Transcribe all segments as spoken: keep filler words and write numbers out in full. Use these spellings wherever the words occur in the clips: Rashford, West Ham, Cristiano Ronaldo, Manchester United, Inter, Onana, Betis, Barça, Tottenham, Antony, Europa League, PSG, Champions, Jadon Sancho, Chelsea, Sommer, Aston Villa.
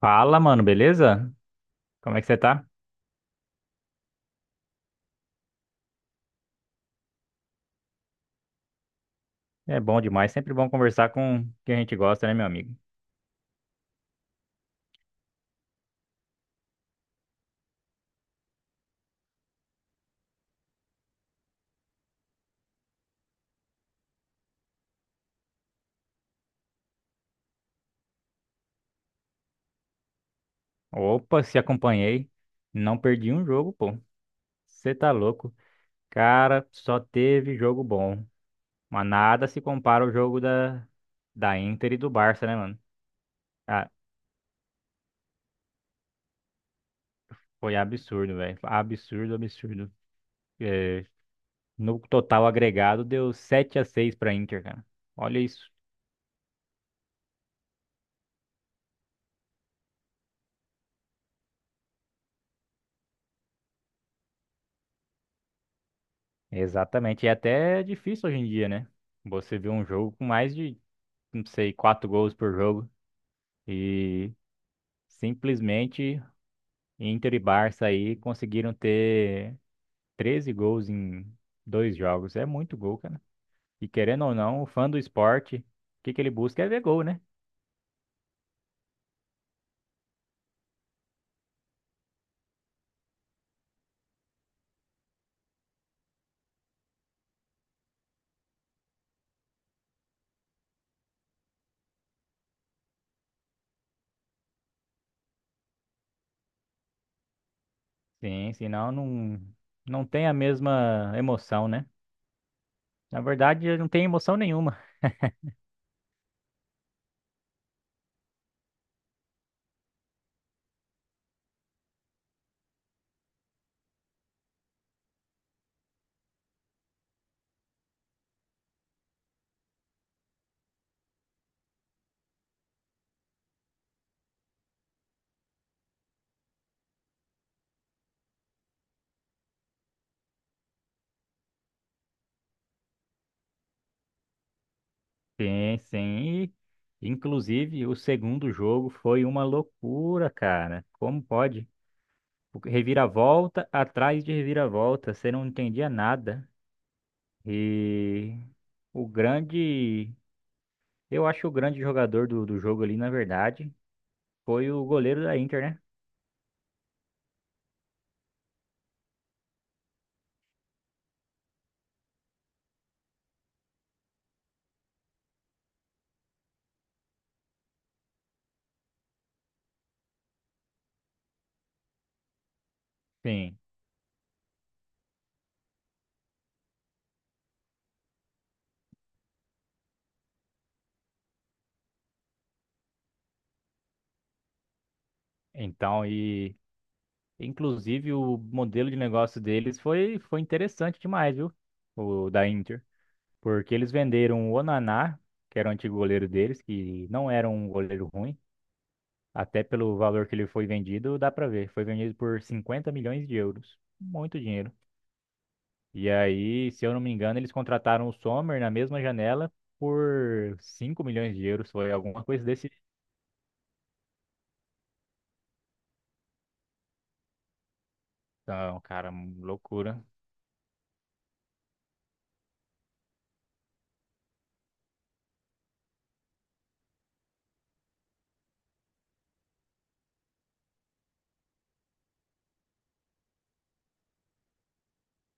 Fala, mano, beleza? Como é que você tá? É bom demais, sempre bom conversar com quem a gente gosta, né, meu amigo? Opa, se acompanhei, não perdi um jogo, pô. Você tá louco? Cara, só teve jogo bom. Mas nada se compara ao jogo da, da Inter e do Barça, né, mano? Ah, foi absurdo, velho. Absurdo, absurdo. É, no total agregado deu sete a seis pra Inter, cara. Olha isso. Exatamente. E até é difícil hoje em dia, né? Você vê um jogo com mais de não sei, quatro gols por jogo. E simplesmente Inter e Barça aí conseguiram ter treze gols em dois jogos. É muito gol, cara. E querendo ou não, o fã do esporte, o que que ele busca é ver gol, né? Sim, senão não, não tem a mesma emoção, né? Na verdade, não tem emoção nenhuma. Sim, sim. E, inclusive, o segundo jogo foi uma loucura, cara. Como pode? O- Reviravolta atrás de reviravolta, você não entendia nada. E o grande, eu acho que o grande jogador do, do jogo ali, na verdade, foi o goleiro da Inter, né? Sim. Então, e inclusive o modelo de negócio deles foi, foi interessante demais, viu? O da Inter. Porque eles venderam o Onaná, que era o antigo goleiro deles, que não era um goleiro ruim. Até pelo valor que ele foi vendido, dá pra ver. Foi vendido por cinquenta milhões de euros. Muito dinheiro. E aí, se eu não me engano, eles contrataram o Sommer na mesma janela por cinco milhões de euros. Foi alguma coisa desse. Então, cara, loucura.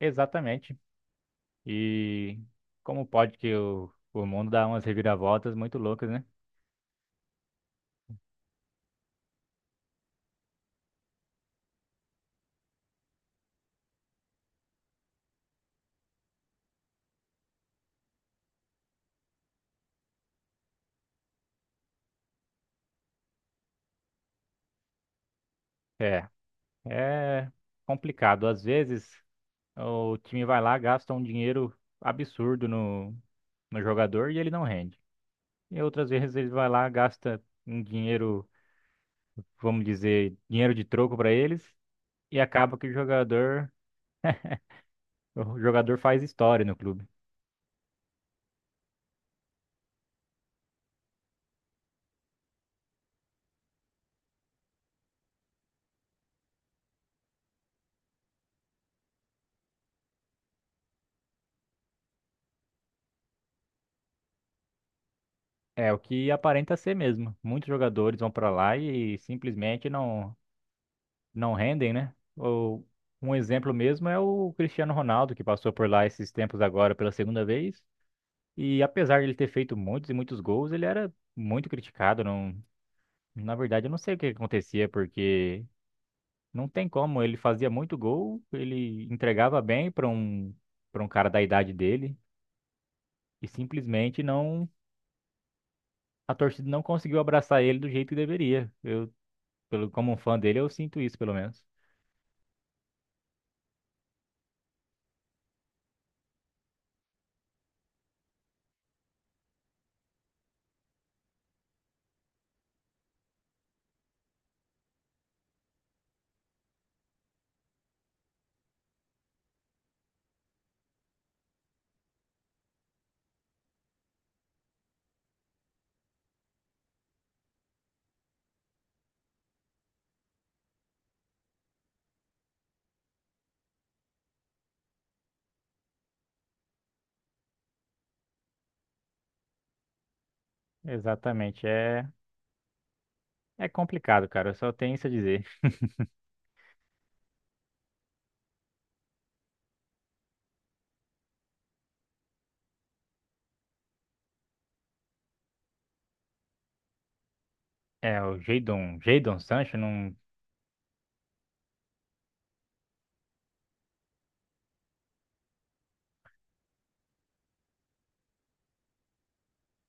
Exatamente. E como pode que o, o mundo dá umas reviravoltas muito loucas, né? É, é complicado, Às vezes, o time vai lá, gasta um dinheiro absurdo no, no jogador e ele não rende. E outras vezes ele vai lá, gasta um dinheiro, vamos dizer, dinheiro de troco para eles. E acaba que o jogador, o jogador faz história no clube. É o que aparenta ser mesmo. Muitos jogadores vão para lá e simplesmente não não rendem, né? Ou um exemplo mesmo é o Cristiano Ronaldo, que passou por lá esses tempos agora pela segunda vez. E apesar de ele ter feito muitos e muitos gols, ele era muito criticado. Não, na verdade, eu não sei o que acontecia, porque não tem como. Ele fazia muito gol, ele entregava bem para um, para um cara da idade dele e simplesmente não a torcida não conseguiu abraçar ele do jeito que deveria. Eu, pelo, como um fã dele, eu sinto isso, pelo menos. Exatamente, é, é complicado, cara. Eu só tenho isso a dizer. É, o Jadon, Jadon Sancho não.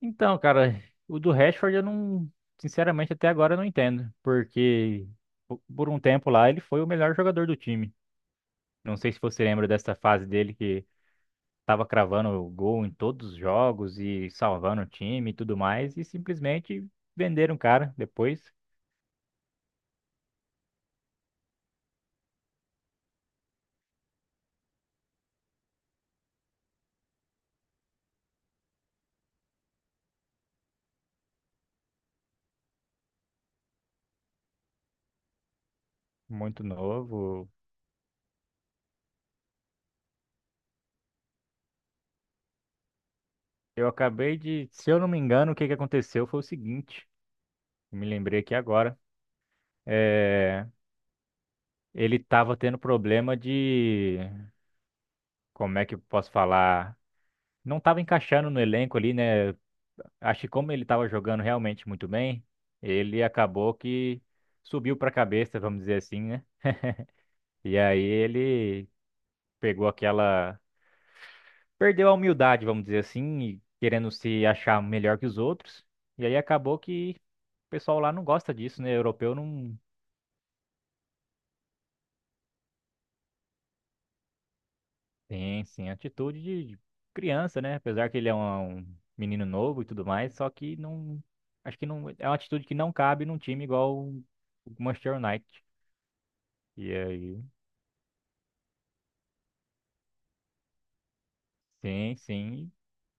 Então, cara, o do Rashford eu não. Sinceramente, até agora eu não entendo. Porque po- por um tempo lá ele foi o melhor jogador do time. Não sei se você lembra dessa fase dele que tava cravando o gol em todos os jogos e salvando o time e tudo mais. E simplesmente venderam o cara depois. Muito novo. Eu acabei de, se eu não me engano, o que que aconteceu foi o seguinte, me lembrei aqui agora. É, ele tava tendo problema de, como é que eu posso falar? Não tava encaixando no elenco ali, né? Acho que como ele tava jogando realmente muito bem, ele acabou que subiu pra cabeça, vamos dizer assim, né? E aí ele pegou aquela, perdeu a humildade, vamos dizer assim, e querendo se achar melhor que os outros. E aí acabou que o pessoal lá não gosta disso, né? Europeu não tem, sim, atitude de de criança, né? Apesar que ele é um, um menino novo e tudo mais, só que não. Acho que não. É uma atitude que não cabe num time igual o o Manchester United. E aí, sim, sim.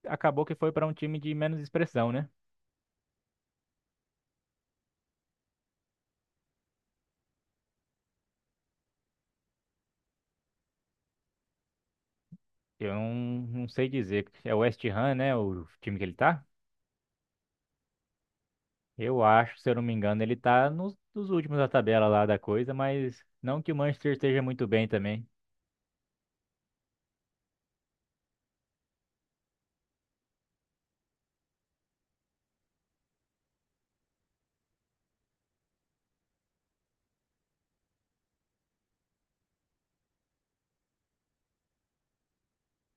Acabou que foi para um time de menos expressão, né? Eu não, não sei dizer. É o West Ham, né? O time que ele tá? Eu acho, se eu não me engano, ele tá nos, nos últimos da tabela lá da coisa, mas não que o Manchester esteja muito bem também.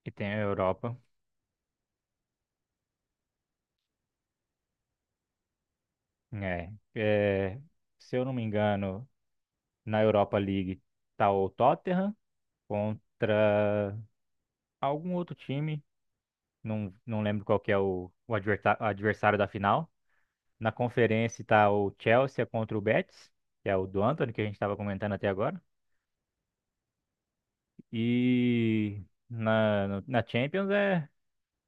E tem a Europa. É, é, se eu não me engano, na Europa League tá o Tottenham contra algum outro time, não, não lembro qual que é o, o adverta- adversário da final. Na conferência tá o Chelsea contra o Betis, que é o do Antony que a gente estava comentando até agora. E na, no- na Champions é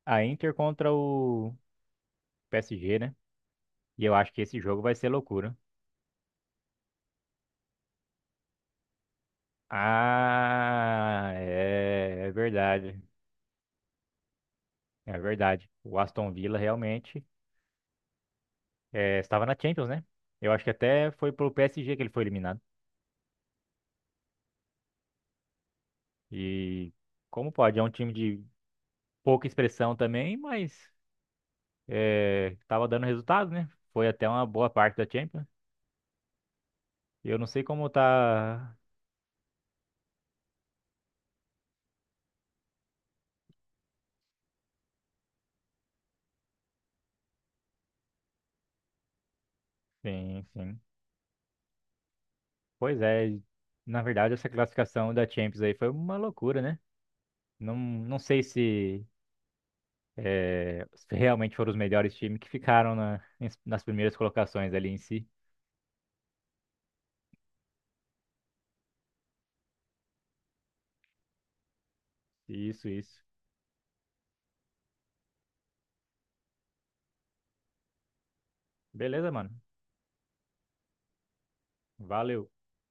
a Inter contra o P S G, né? E eu acho que esse jogo vai ser loucura. Ah, é, é verdade. É verdade. O Aston Villa realmente eh, estava na Champions, né? Eu acho que até foi pro P S G que ele foi eliminado. E como pode? É um time de pouca expressão também, mas estava dando resultado, né? Foi até uma boa parte da Champions. Eu não sei como tá. Sim, sim. Pois é. Na verdade, essa classificação da Champions aí foi uma loucura, né? Não, não sei se, eh, se realmente foram os melhores times que ficaram na- nas primeiras colocações ali em si. Isso, isso. Beleza, mano. Valeu.